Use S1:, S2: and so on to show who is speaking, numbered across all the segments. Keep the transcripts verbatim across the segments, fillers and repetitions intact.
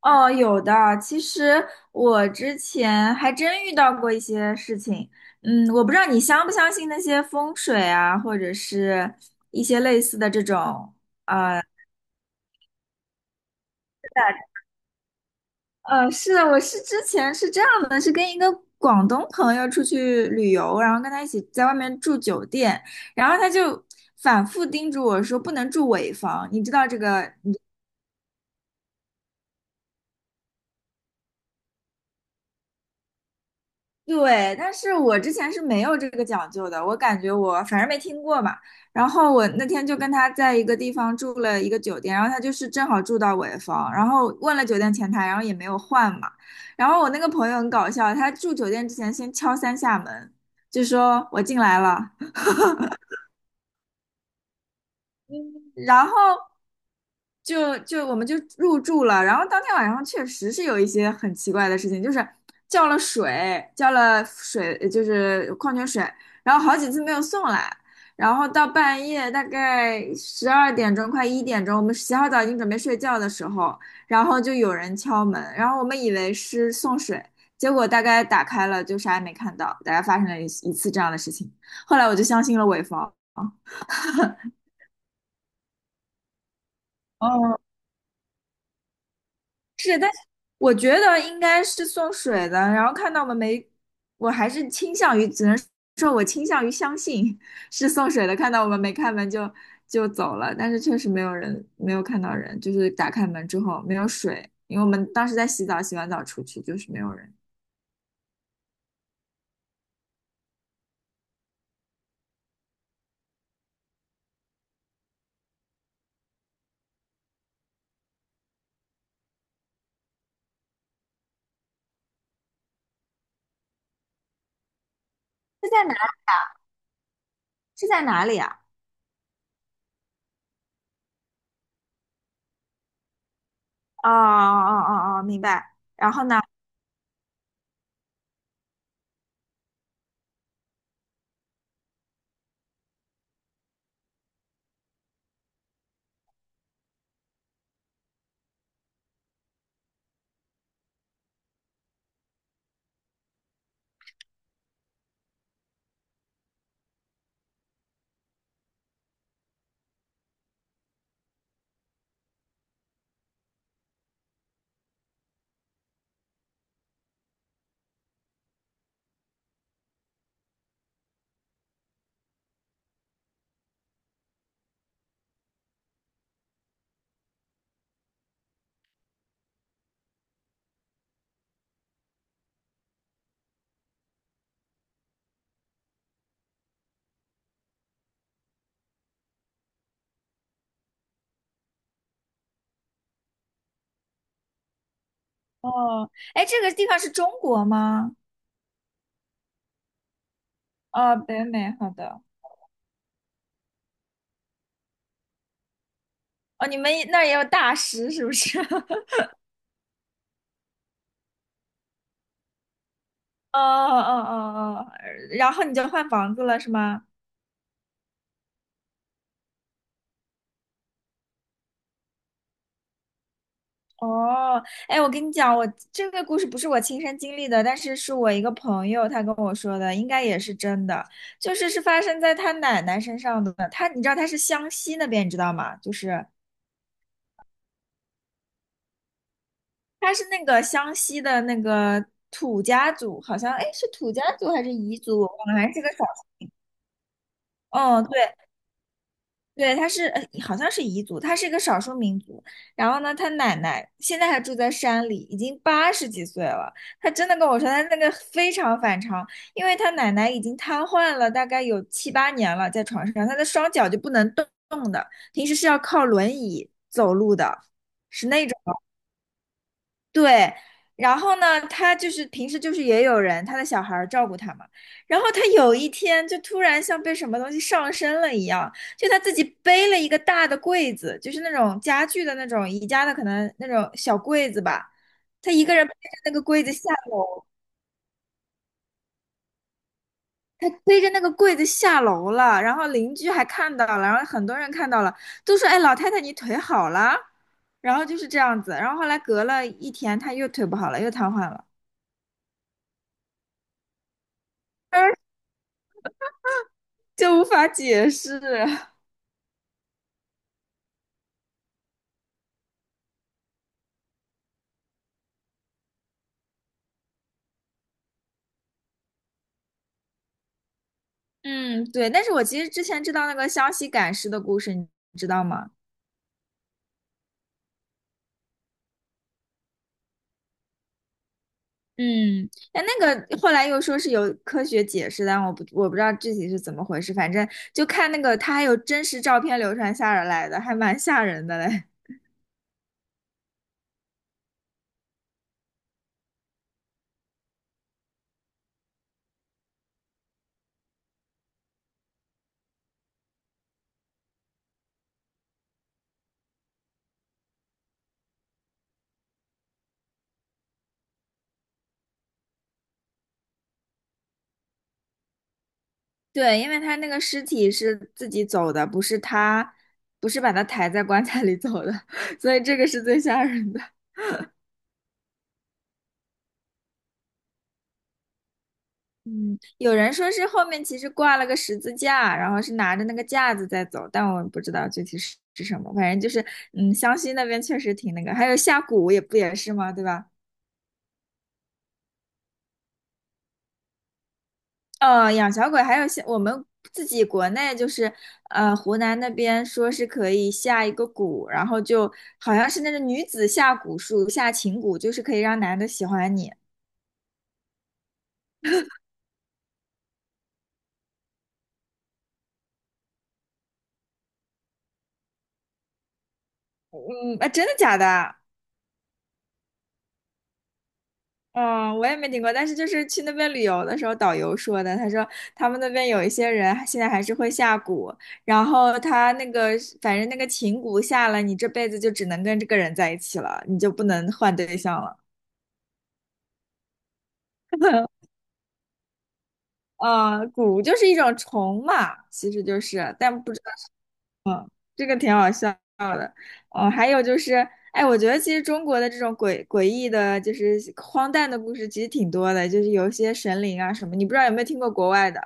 S1: 哦，有的。其实我之前还真遇到过一些事情。嗯，我不知道你相不相信那些风水啊，或者是一些类似的这种。呃，是的，我是之前是这样的，是跟一个广东朋友出去旅游，然后跟他一起在外面住酒店，然后他就反复叮嘱我说不能住尾房，你知道这个。对，但是我之前是没有这个讲究的，我感觉我反正没听过嘛。然后我那天就跟他在一个地方住了一个酒店，然后他就是正好住到尾房，然后问了酒店前台，然后也没有换嘛。然后我那个朋友很搞笑，他住酒店之前先敲三下门，就说我进来了。然后。就就我们就入住了，然后当天晚上确实是有一些很奇怪的事情，就是叫了水，叫了水，就是矿泉水，然后好几次没有送来，然后到半夜大概十二点钟快一点钟，我们洗好澡已经准备睡觉的时候，然后就有人敲门，然后我们以为是送水，结果大概打开了就啥也没看到，大概发生了一一次这样的事情，后来我就相信了伪方。哦，是，但是我觉得应该是送水的。然后看到我们没，我还是倾向于，只能说我倾向于相信是送水的。看到我们没开门就就走了，但是确实没有人，没有看到人，就是打开门之后没有水，因为我们当时在洗澡，洗完澡出去就是没有人。是在哪？是在哪里啊？哦哦哦哦，明白。然后呢？哦，哎，这个地方是中国吗？哦，北美，好的。哦，你们那儿也有大师是不是？哦哦哦哦，呃然后你就换房子了是吗？哦，哎，我跟你讲，我这个故事不是我亲身经历的，但是是我一个朋友他跟我说的，应该也是真的，就是是发生在他奶奶身上的。他，你知道他是湘西那边，你知道吗？就是他是那个湘西的那个土家族，好像哎是土家族还是彝族，我忘了还是个少数。对。对，他是呃，好像是彝族，他是一个少数民族。然后呢，他奶奶现在还住在山里，已经八十几岁了。他真的跟我说，他那个非常反常，因为他奶奶已经瘫痪了，大概有七八年了，在床上，他的双脚就不能动动的，平时是要靠轮椅走路的，是那种。对，然后呢，他就是平时就是也有人，他的小孩儿照顾他嘛。然后他有一天就突然像被什么东西上身了一样，就他自己背了一个大的柜子，就是那种家具的那种宜家的可能那种小柜子吧。他一个人背着那个柜子下楼，背着那个柜子下楼了。然后邻居还看到了，然后很多人看到了，都说：“哎，老太太你腿好了。”然后就是这样子。然后后来隔了一天，他又腿不好了，又瘫痪了。就无法解释。嗯，对。但是我其实之前知道那个湘西赶尸的故事，你知道吗？嗯，但那个后来又说是有科学解释，但我不我不知道具体是怎么回事。反正就看那个，他还有真实照片流传下来的，还蛮吓人的嘞。对，因为他那个尸体是自己走的，不是他，不是把他抬在棺材里走的，所以这个是最吓人的。嗯，有人说是后面其实挂了个十字架，然后是拿着那个架子在走，但我不知道具体是是什么。反正就是，嗯，湘西那边确实挺那个，还有下蛊也不也是吗？对吧？哦，养小鬼，还有像我们自己国内就是，呃，湖南那边说是可以下一个蛊，然后就好像是那个女子下蛊术，下情蛊，就是可以让男的喜欢你。嗯，啊，真的假的？嗯，我也没听过，但是就是去那边旅游的时候，导游说的，他说他们那边有一些人现在还是会下蛊，然后他那个反正那个情蛊下了，你这辈子就只能跟这个人在一起了，你就不能换对象了。啊，蛊就是一种虫嘛，其实就是，但不知道这个挺好笑的。哦，还有就是，哎，我觉得其实中国的这种诡诡异的，就是荒诞的故事，其实挺多的，就是有一些神灵啊什么，你不知道有没有听过国外的？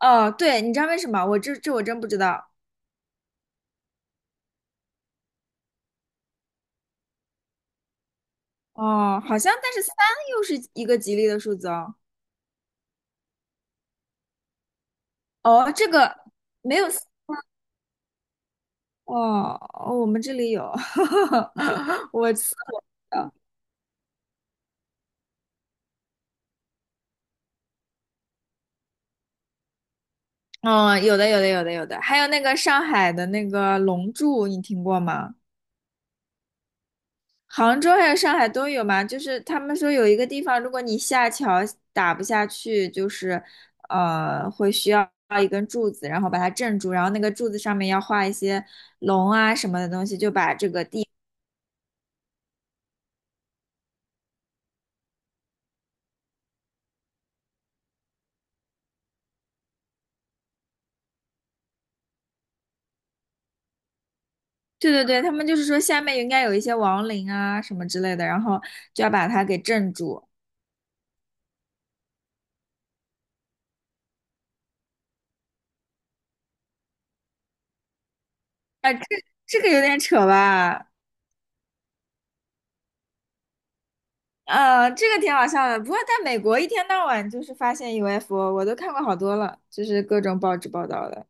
S1: 哦，对，你知道为什么？我这这我真不知道。哦，好像但是三又是一个吉利的数字哦。哦，这个没有四哦，哦我们这里有，我四我哦，有的有的有的有的，还有那个上海的那个龙柱，你听过吗？杭州还有上海都有嘛，就是他们说有一个地方，如果你下桥打不下去，就是呃会需要一根柱子，然后把它镇住，然后那个柱子上面要画一些龙啊什么的东西，就把这个地，对对对，他们就是说下面应该有一些亡灵啊什么之类的，然后就要把它给镇住。啊，这这个有点扯吧？呃，这个挺好笑的。不过在美国一天到晚就是发现 U F O，我都看过好多了，就是各种报纸报道的。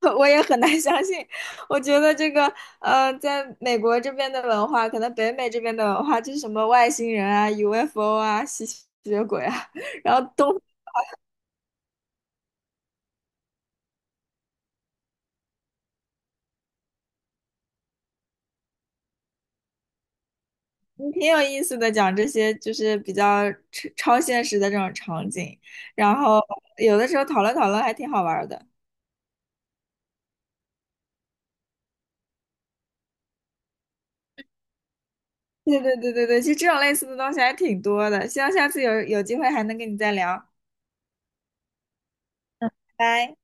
S1: 我也很难相信。我觉得这个，呃，在美国这边的文化，可能北美这边的文化就是什么外星人啊、U F O 啊、吸血鬼啊，然后都挺有意思的，讲这些就是比较超超现实的这种场景，然后有的时候讨论讨论还挺好玩儿的。对对对对对，其实这种类似的东西还挺多的，希望下次有有机会还能跟你再聊，拜。